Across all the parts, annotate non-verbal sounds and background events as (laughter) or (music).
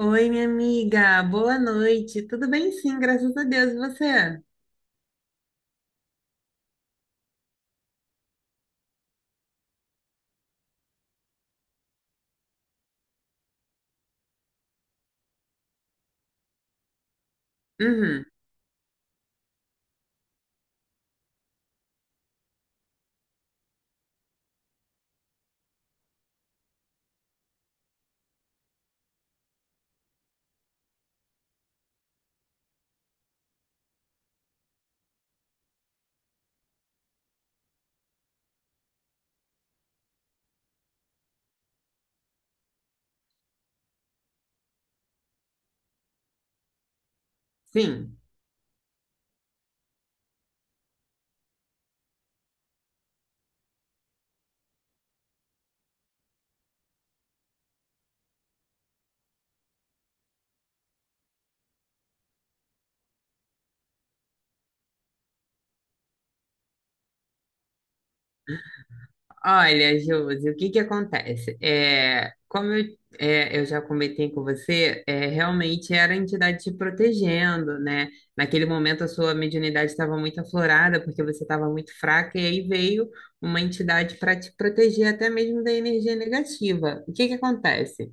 Oi, minha amiga, boa noite. Tudo bem? Sim, graças a Deus. E você? Uhum, sim. Olha, Josi, o que que acontece? Eu já comentei com você, realmente era a entidade te protegendo, né? Naquele momento a sua mediunidade estava muito aflorada, porque você estava muito fraca, e aí veio uma entidade para te proteger até mesmo da energia negativa. O que que acontece?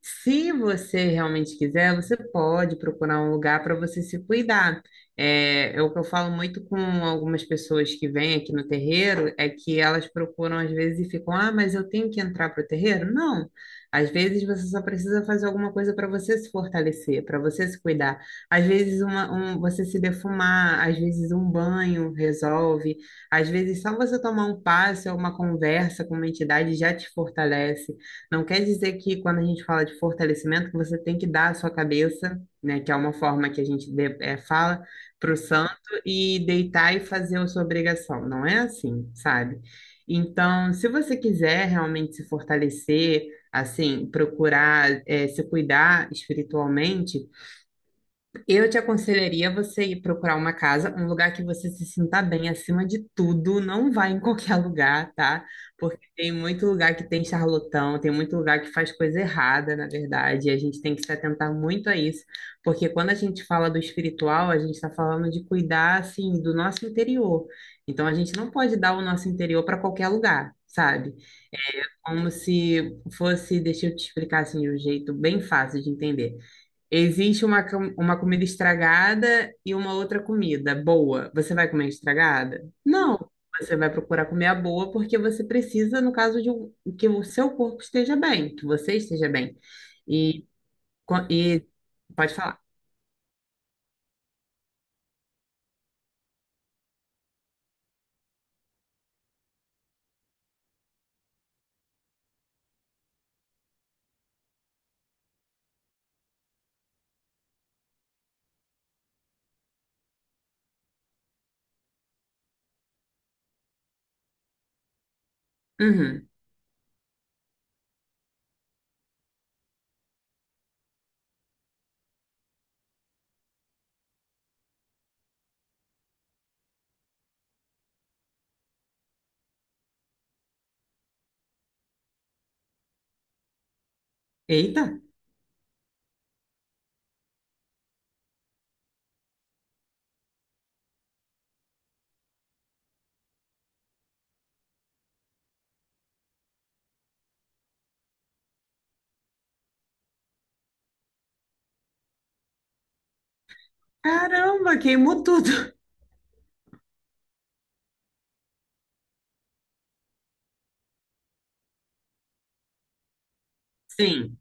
Se você realmente quiser, você pode procurar um lugar para você se cuidar. É o que eu falo muito com algumas pessoas que vêm aqui no terreiro, é que elas procuram às vezes e ficam, ah, mas eu tenho que entrar para o terreiro? Não. Às vezes você só precisa fazer alguma coisa para você se fortalecer, para você se cuidar. Às vezes uma, um, você se defumar, às vezes um banho resolve, às vezes só você tomar um passe ou uma conversa com uma entidade já te fortalece. Não quer dizer que quando a gente fala de fortalecimento, que você tem que dar a sua cabeça, né, que é uma forma que a gente fala para o santo e deitar e fazer a sua obrigação. Não é assim, sabe? Então, se você quiser realmente se fortalecer, assim, procurar, se cuidar espiritualmente, eu te aconselharia você ir procurar uma casa, um lugar que você se sinta bem acima de tudo. Não vá em qualquer (laughs) lugar, tá? Porque tem muito lugar que tem charlatão, tem muito lugar que faz coisa errada, na verdade. E a gente tem que se atentar muito a isso. Porque quando a gente fala do espiritual, a gente está falando de cuidar, assim, do nosso interior. Então a gente não pode dar o nosso interior para qualquer lugar. Sabe? Como se fosse, deixa eu te explicar assim de um jeito bem fácil de entender. Existe uma, uma comida estragada e uma outra comida boa. Você vai comer a estragada? Não. Você vai procurar comer a boa porque você precisa, no caso de que o seu corpo esteja bem, que você esteja bem. E, co- e Pode falar. Uhum. Eita! Caramba, queimou tudo. (laughs) Sim,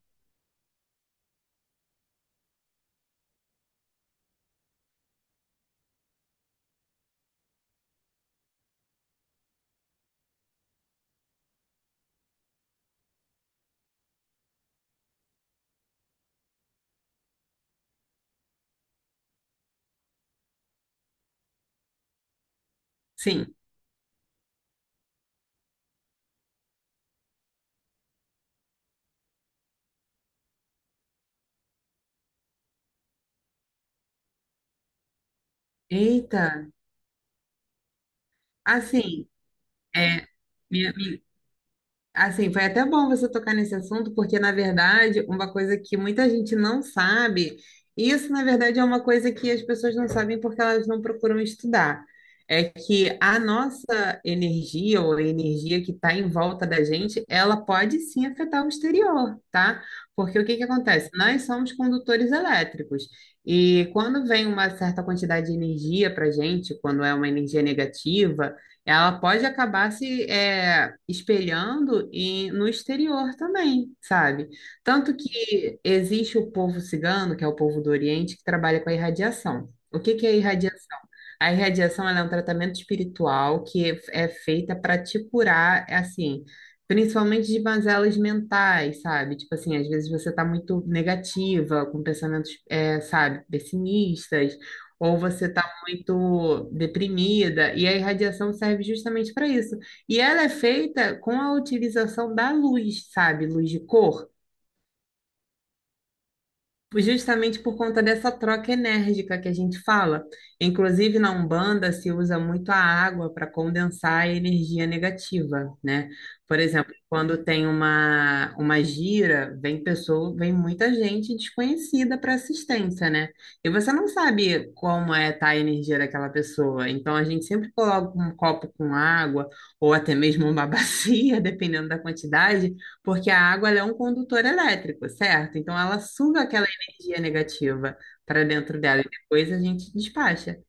sim. Eita! Assim, é, Assim, foi até bom você tocar nesse assunto, porque, na verdade, uma coisa que muita gente não sabe, e isso, na verdade, é uma coisa que as pessoas não sabem porque elas não procuram estudar, é que a nossa energia, ou a energia que está em volta da gente, ela pode sim afetar o exterior, tá? Porque o que que acontece? Nós somos condutores elétricos, e quando vem uma certa quantidade de energia para gente, quando é uma energia negativa, ela pode acabar se é, espelhando no exterior também, sabe? Tanto que existe o povo cigano, que é o povo do Oriente, que trabalha com a irradiação. O que que é a irradiação? A irradiação ela é um tratamento espiritual que é feita para te curar, é assim, principalmente de mazelas mentais, sabe? Tipo assim, às vezes você está muito negativa, com pensamentos, sabe, pessimistas, ou você muito deprimida, e a irradiação serve justamente para isso. E ela é feita com a utilização da luz, sabe? Luz de cor. Justamente por conta dessa troca enérgica que a gente fala. Inclusive, na Umbanda se usa muito a água para condensar a energia negativa, né? Por exemplo, quando tem uma gira, vem pessoa, vem muita gente desconhecida para assistência, né? E você não sabe como é tá a energia daquela pessoa. Então, a gente sempre coloca um copo com água, ou até mesmo uma (laughs) bacia, dependendo da quantidade, porque a água ela é um condutor elétrico, certo? Então, ela suga aquela energia negativa para dentro dela e depois a gente despacha.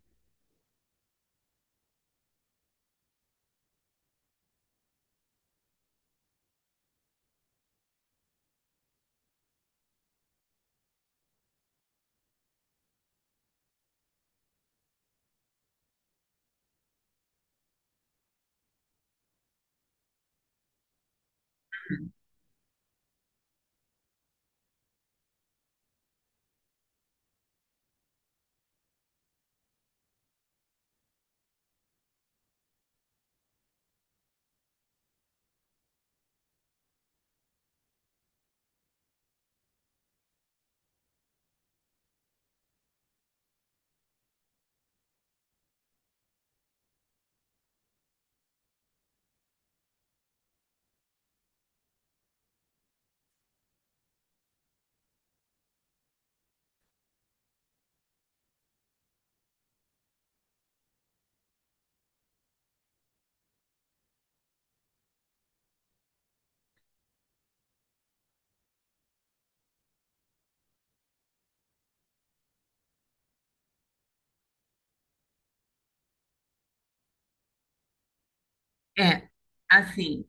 É, assim,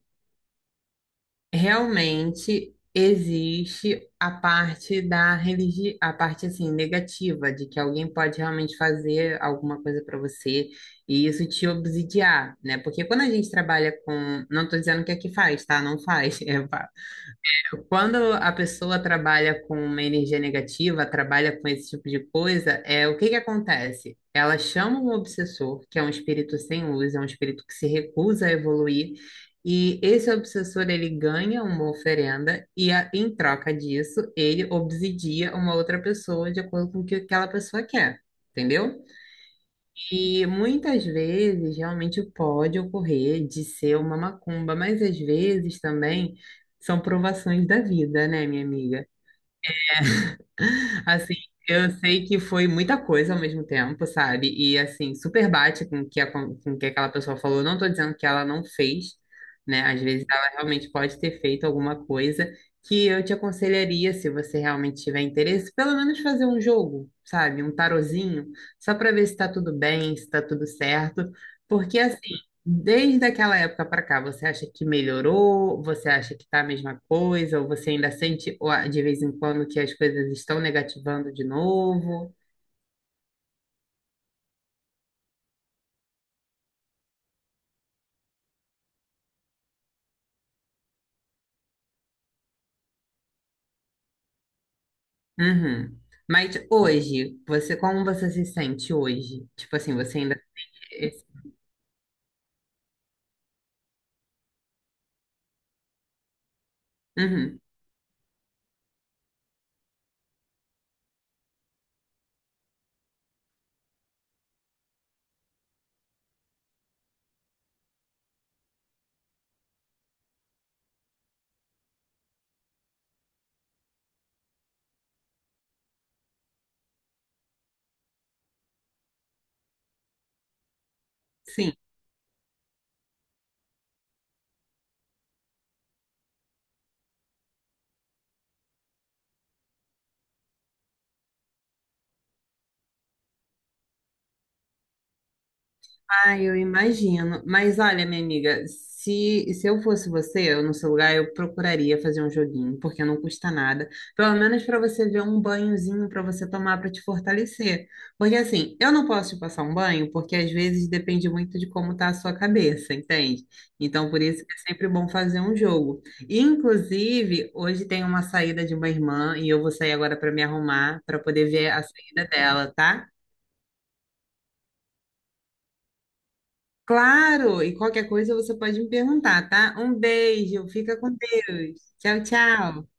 realmente existe a parte da religião, a parte assim negativa de que alguém pode realmente fazer alguma coisa para você e isso te obsidiar, né? Porque quando a gente trabalha com, não estou dizendo que é que faz, tá? Não faz, (laughs) quando a pessoa trabalha com uma energia negativa, trabalha com esse tipo de coisa, é o que que acontece? Ela chama um obsessor, que é um espírito sem luz, é um espírito que se recusa a evoluir, e esse obsessor ele ganha uma oferenda e em troca disso ele obsidia uma outra pessoa de acordo com o que aquela pessoa quer, entendeu? E muitas vezes realmente pode ocorrer de ser uma macumba, mas às vezes também são provações da vida, né, minha amiga? Assim, eu sei que foi muita coisa ao mesmo tempo, sabe? E assim, super bate com com o que aquela pessoa falou. Eu não tô dizendo que ela não fez, né? Às vezes ela realmente pode ter feito alguma coisa que eu te aconselharia, se você realmente tiver interesse, pelo menos fazer um jogo, sabe? Um tarozinho, só para ver se tá tudo bem, se tá tudo certo. Porque desde aquela época para cá, você acha que melhorou? Você acha que tá a mesma coisa? Ou você ainda sente ó, de vez em quando que as coisas estão negativando de novo? Uhum. Mas hoje, você, como você se sente hoje? Tipo assim, você ainda. Uhum. Sim. Ah, eu imagino. Mas olha, minha amiga, se eu fosse você, eu no seu lugar, eu procuraria fazer um joguinho, porque não custa nada. Pelo menos para você ver um banhozinho para você tomar para te fortalecer. Porque assim, eu não posso te passar um banho, porque às vezes depende muito de como tá a sua cabeça, entende? Então, por isso que é sempre bom fazer um jogo. E, inclusive, hoje tem uma saída de uma irmã e eu vou sair agora para me arrumar, para poder ver a saída dela, tá? Claro, e qualquer coisa você pode me perguntar, tá? Um beijo, fica com Deus. Tchau, tchau.